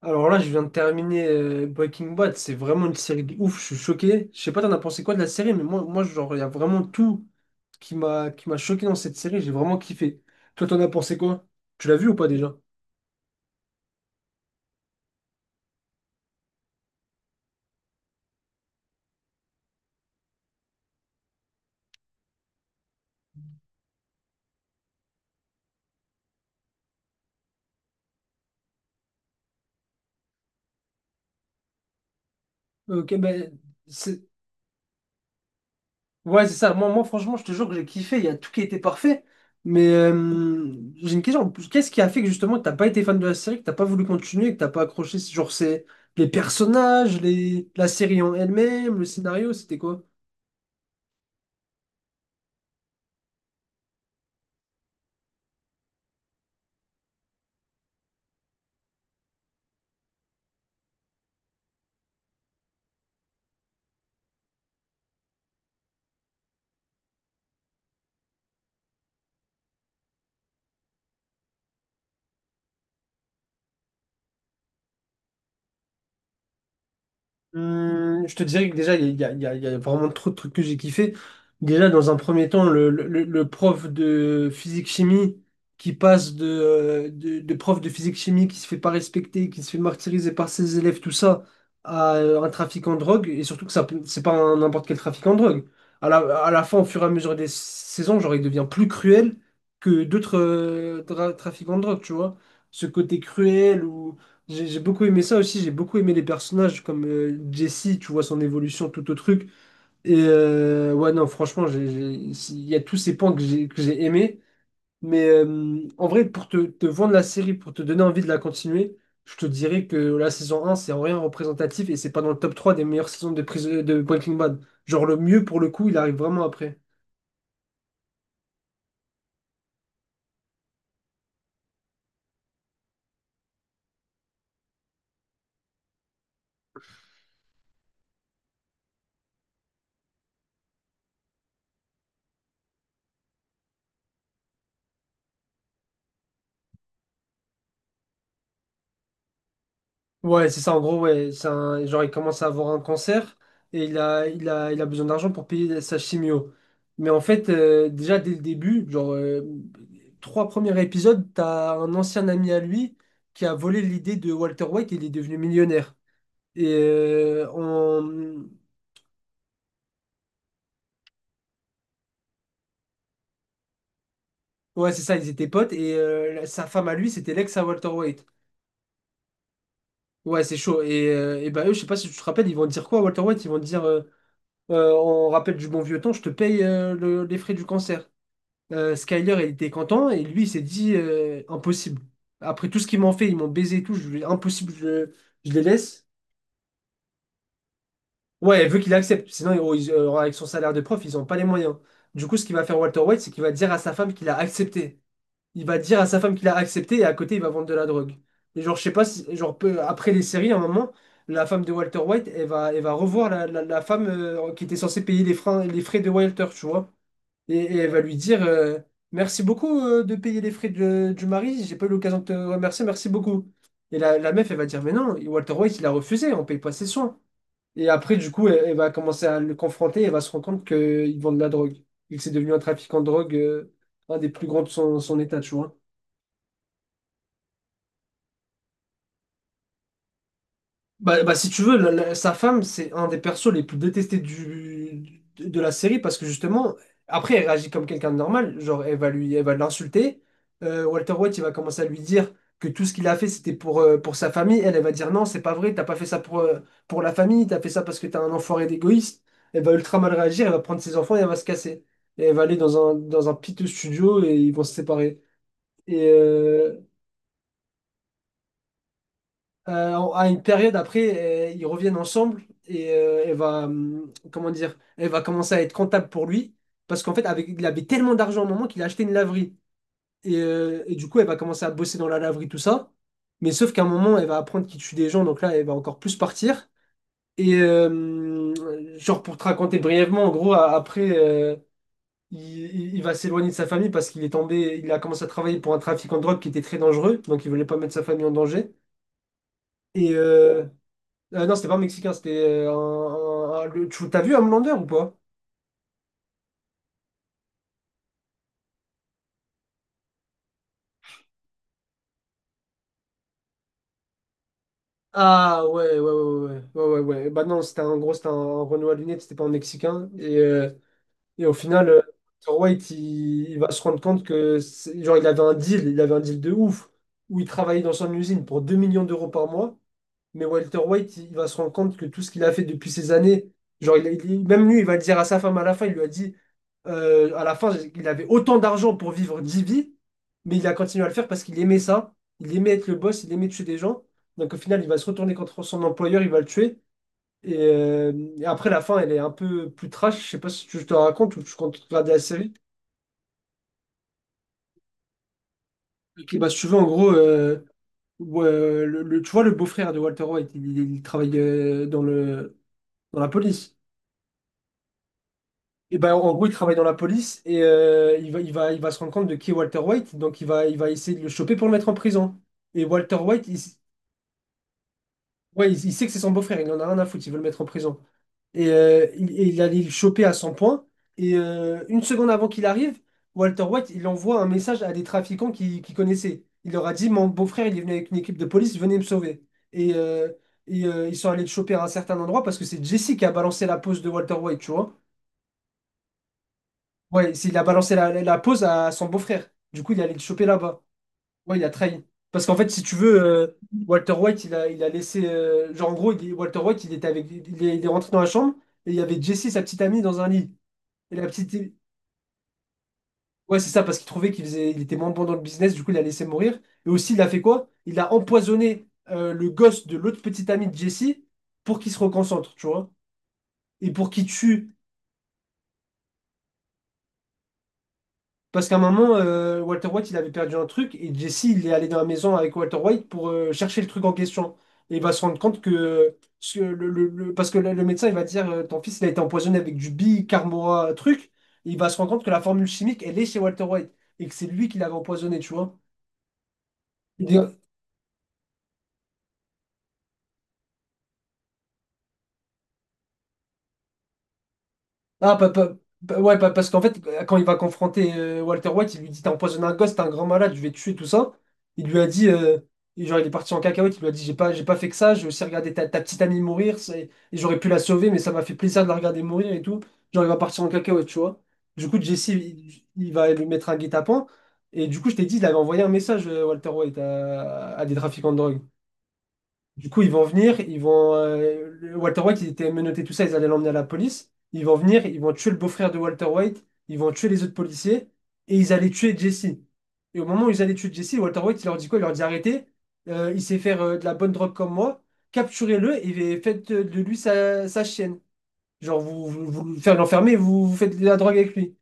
Alors là, je viens de terminer Breaking Bad. C'est vraiment une série de ouf. Je suis choqué. Je sais pas, t'en as pensé quoi de la série, mais moi, genre, il y a vraiment tout qui m'a choqué dans cette série. J'ai vraiment kiffé. Toi, t'en as pensé quoi? Tu l'as vu ou pas déjà? Ok, ben, c'est... Ouais, c'est ça. Moi, franchement, je te jure que j'ai kiffé. Il y a tout qui était parfait. Mais j'ai une question. Qu'est-ce qui a fait que justement, t'as pas été fan de la série, que t'as pas voulu continuer, que t'as pas accroché? Genre, c'est les personnages, les... la série en elle-même, le scénario, c'était quoi? Je te dirais que déjà, il y a, il y a- il y a vraiment trop de trucs que j'ai kiffé. Déjà, dans un premier temps, le prof de physique-chimie qui passe de prof de physique-chimie qui se fait pas respecter, qui se fait martyriser par ses élèves, tout ça, à un trafiquant de drogue, et surtout que ça, c'est pas n'importe quel trafiquant de drogue. À la, à la fin, au fur et à mesure des saisons, genre, il devient plus cruel que d'autres trafiquants de drogue, tu vois. Ce côté cruel ou j'ai beaucoup aimé ça aussi, j'ai beaucoup aimé les personnages comme Jesse, tu vois son évolution, tout au truc. Et ouais, non, franchement, il y a tous ces points que j'ai aimés. Mais en vrai, pour te vendre la série, pour te donner envie de la continuer, je te dirais que la saison un c'est en rien représentatif et c'est pas dans le top 3 des meilleures saisons de, de Breaking Bad. Genre le mieux pour le coup, il arrive vraiment après. Ouais, c'est ça, en gros, ouais. Genre, il commence à avoir un cancer et il a besoin d'argent pour payer sa chimio. Mais en fait, déjà dès le début, trois premiers épisodes, t'as un ancien ami à lui qui a volé l'idée de Walter White et il est devenu millionnaire. Et on... Ouais, c'est ça, ils étaient potes et sa femme à lui, c'était l'ex à Walter White. Ouais, c'est chaud. Et bah, eux, je sais pas si tu te rappelles, ils vont dire quoi à Walter White? Ils vont dire, on rappelle du bon vieux temps, je te paye les frais du cancer. Skyler, il était content et lui, il s'est dit impossible. Après tout ce qu'ils m'ont fait, ils m'ont baisé et tout, impossible, je les laisse. Ouais, elle veut qu'il accepte, sinon avec son salaire de prof, ils n'ont pas les moyens. Du coup, ce qu'il va faire Walter White, c'est qu'il va dire à sa femme qu'il a accepté. Il va dire à sa femme qu'il a accepté et à côté, il va vendre de la drogue. Et genre, je sais pas, après les séries, à un moment, la femme de Walter White, elle va revoir la femme qui était censée payer les freins, les frais de Walter, tu vois. Et elle va lui dire Merci beaucoup de payer les frais du mari, j'ai pas eu l'occasion de te remercier, merci beaucoup. Et la meuf, elle va dire Mais non, Walter White, il a refusé, on paye pas ses soins. Et après, du coup, elle va commencer à le confronter et elle va se rendre compte qu'il vend de la drogue. Il s'est devenu un trafiquant de drogue, un des plus grands de son état, tu vois. Bah, bah, si tu veux, sa femme, c'est un des persos les plus détestés de la série parce que justement, après, elle réagit comme quelqu'un de normal. Genre, elle va l'insulter. Walter White, il va commencer à lui dire que tout ce qu'il a fait, c'était pour sa famille. Elle va dire non, c'est pas vrai, t'as pas fait ça pour la famille, t'as fait ça parce que t'es un enfoiré d'égoïste. Elle va ultra mal réagir, elle va prendre ses enfants et elle va se casser. Et elle va aller dans un piteux studio et ils vont se séparer. Et, à une période après, ils reviennent ensemble et elle va, comment dire, elle va commencer à être comptable pour lui parce qu'en fait, avec, il avait tellement d'argent à un moment qu'il a acheté une laverie. Et du coup, elle va commencer à bosser dans la laverie, tout ça. Mais sauf qu'à un moment, elle va apprendre qu'il tue des gens, donc là, elle va encore plus partir. Et genre, pour te raconter brièvement, en gros, après, il va s'éloigner de sa famille parce qu'il est tombé, il a commencé à travailler pour un trafiquant de drogue qui était très dangereux, donc il voulait pas mettre sa famille en danger. Et, non, c'était pas mexicain, c'était t'as vu Homelander ou pas? Ah ouais, ouais, ouais, ouais, ouais, ouais, ouais, ouais. Bah non, c'était un Renoir à lunettes, c'était pas un mexicain. Et, et au final, Walter White, il va se rendre compte que, genre, il avait un deal, il avait un deal de ouf, où il travaillait dans son usine pour 2 millions d'euros par mois. Mais Walter White, il va se rendre compte que tout ce qu'il a fait depuis ces années, même lui, il va le dire à sa femme à la fin, il lui a dit, à la fin, il avait autant d'argent pour vivre 10 vies, mais il a continué à le faire parce qu'il aimait ça, il aimait être le boss, il aimait tuer des gens. Donc au final, il va se retourner contre son employeur, il va le tuer. Et, euh, et après, la fin, elle est un peu plus trash. Je sais pas si tu je te raconte ou tu comptes regarder la série. Et bah, si tu veux, en gros, tu vois, le beau-frère de Walter White, il travaille dans le, dans la police. Et ben en gros, il travaille dans la police et il va se rendre compte de qui est Walter White. Donc, il va essayer de le choper pour le mettre en prison. Et Walter White, il, ouais, il sait que c'est son beau-frère, il en a rien à foutre, il veut le mettre en prison. Et, et il allait le choper à 100 points. Et une seconde avant qu'il arrive, Walter White, il envoie un message à des trafiquants qu'il connaissait. Il leur a dit, mon beau-frère, il est venu avec une équipe de police, venez me sauver. Et, ils sont allés le choper à un certain endroit parce que c'est Jesse qui a balancé la pose de Walter White, tu vois. Ouais, il a balancé la pose à son beau-frère. Du coup, il allait le choper là-bas. Ouais, il a trahi. Parce qu'en fait, si tu veux, Walter White, il a laissé. Genre, en gros, Walter White, il était avec, il est rentré dans la chambre et il y avait Jesse, sa petite amie, dans un lit. Et la petite. Ouais, c'est ça, parce qu'il trouvait qu'il faisait, il était moins bon dans le business, du coup, il l'a laissé mourir. Et aussi, il a fait quoi? Il a empoisonné le gosse de l'autre petite amie de Jesse pour qu'il se reconcentre, tu vois. Et pour qu'il tue parce qu'à un moment, Walter White, il avait perdu un truc et Jesse, il est allé dans la maison avec Walter White pour chercher le truc en question. Et il va se rendre compte que, ce que parce que le médecin, il va dire, ton fils, il a été empoisonné avec du bicarbonate truc. Et il va se rendre compte que la formule chimique, elle est chez Walter White et que c'est lui qui l'avait empoisonné, tu vois. Il, ah, ouais, parce qu'en fait, quand il va confronter Walter White, il lui dit, t'as empoisonné un gosse, t'es un grand malade, je vais te tuer, tout ça. Il lui a dit, et genre, il est parti en cacahuète, il lui a dit, j'ai pas fait que ça, j'ai aussi regardé ta petite amie mourir, et j'aurais pu la sauver, mais ça m'a fait plaisir de la regarder mourir et tout. Genre, il va partir en cacahuète, tu vois. Du coup, Jesse, il va lui mettre un guet-apens. Et du coup, je t'ai dit, il avait envoyé un message, Walter White, à des trafiquants de drogue. Du coup, ils vont. Walter White, il était menotté, tout ça, ils allaient l'emmener à la police. Ils vont venir, ils vont tuer le beau-frère de Walter White, ils vont tuer les autres policiers, et ils allaient tuer Jesse. Et au moment où ils allaient tuer Jesse, Walter White, il leur dit quoi? Il leur dit arrêtez, il sait faire de la bonne drogue comme moi, capturez-le et faites de lui sa chienne. Genre, vous le faites l'enfermer, vous faites de la drogue avec lui.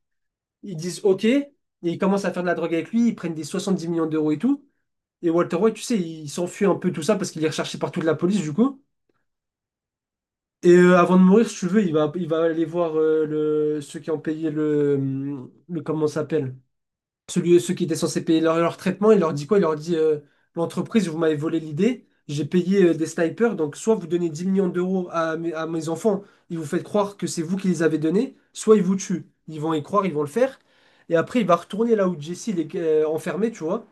Ils disent ok, et ils commencent à faire de la drogue avec lui, ils prennent des 70 millions d'euros et tout. Et Walter White, tu sais, il s'enfuit un peu tout ça parce qu'il est recherché partout de la police, du coup. Et avant de mourir, si tu veux, il va aller voir ceux qui ont payé le comment ça s'appelle, ceux qui étaient censés payer leur traitement. Il leur dit quoi? Il leur dit l'entreprise, vous m'avez volé l'idée, j'ai payé des snipers, donc soit vous donnez 10 millions d'euros à mes enfants, ils vous faites croire que c'est vous qui les avez donnés, soit ils vous tuent. Ils vont y croire, ils vont le faire. Et après, il va retourner là où Jesse il est enfermé, tu vois.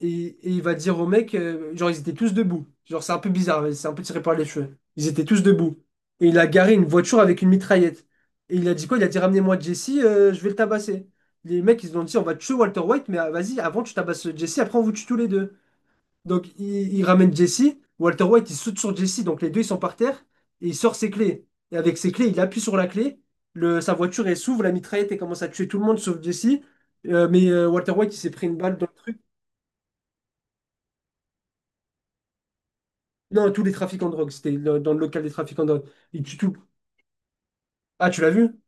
Et il va dire au mec, genre ils étaient tous debout. Genre c'est un peu bizarre, mais c'est un peu tiré par les cheveux. Ils étaient tous debout. Et il a garé une voiture avec une mitraillette. Et il a dit quoi? Il a dit ramenez-moi Jesse, je vais le tabasser. Les mecs ils ont dit on va tuer Walter White, mais ah, vas-y, avant tu tabasses Jesse, après on vous tue tous les deux. Donc il ramène Jesse, Walter White il saute sur Jesse, donc les deux ils sont par terre, et il sort ses clés. Et avec ses clés, il appuie sur la clé, sa voiture elle s'ouvre, la mitraillette elle commence à tuer tout le monde sauf Jesse. Mais Walter White il s'est pris une balle dans le truc. Non, tous les trafiquants de drogue. C'était dans le local des trafiquants de drogue. Ils tuent tout. Ah, tu l'as vu?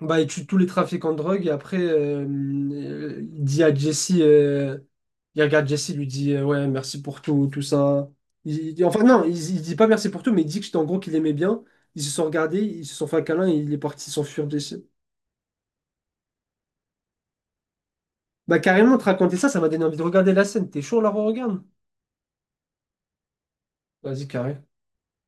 Bah, ils tuent tous les trafiquants de drogue et après, il dit à Jesse, il regarde Jesse, il lui dit, ouais, merci pour tout, tout ça. Enfin, non, il dit pas merci pour tout, mais il dit que, en gros qu'il aimait bien. Ils se sont regardés, ils se sont fait un câlin et il est parti s'enfuir d'ici. Bah, carrément, te raconter ça, ça m'a donné envie de regarder la scène. T'es chaud, là, on regarde? Vas-y, carré.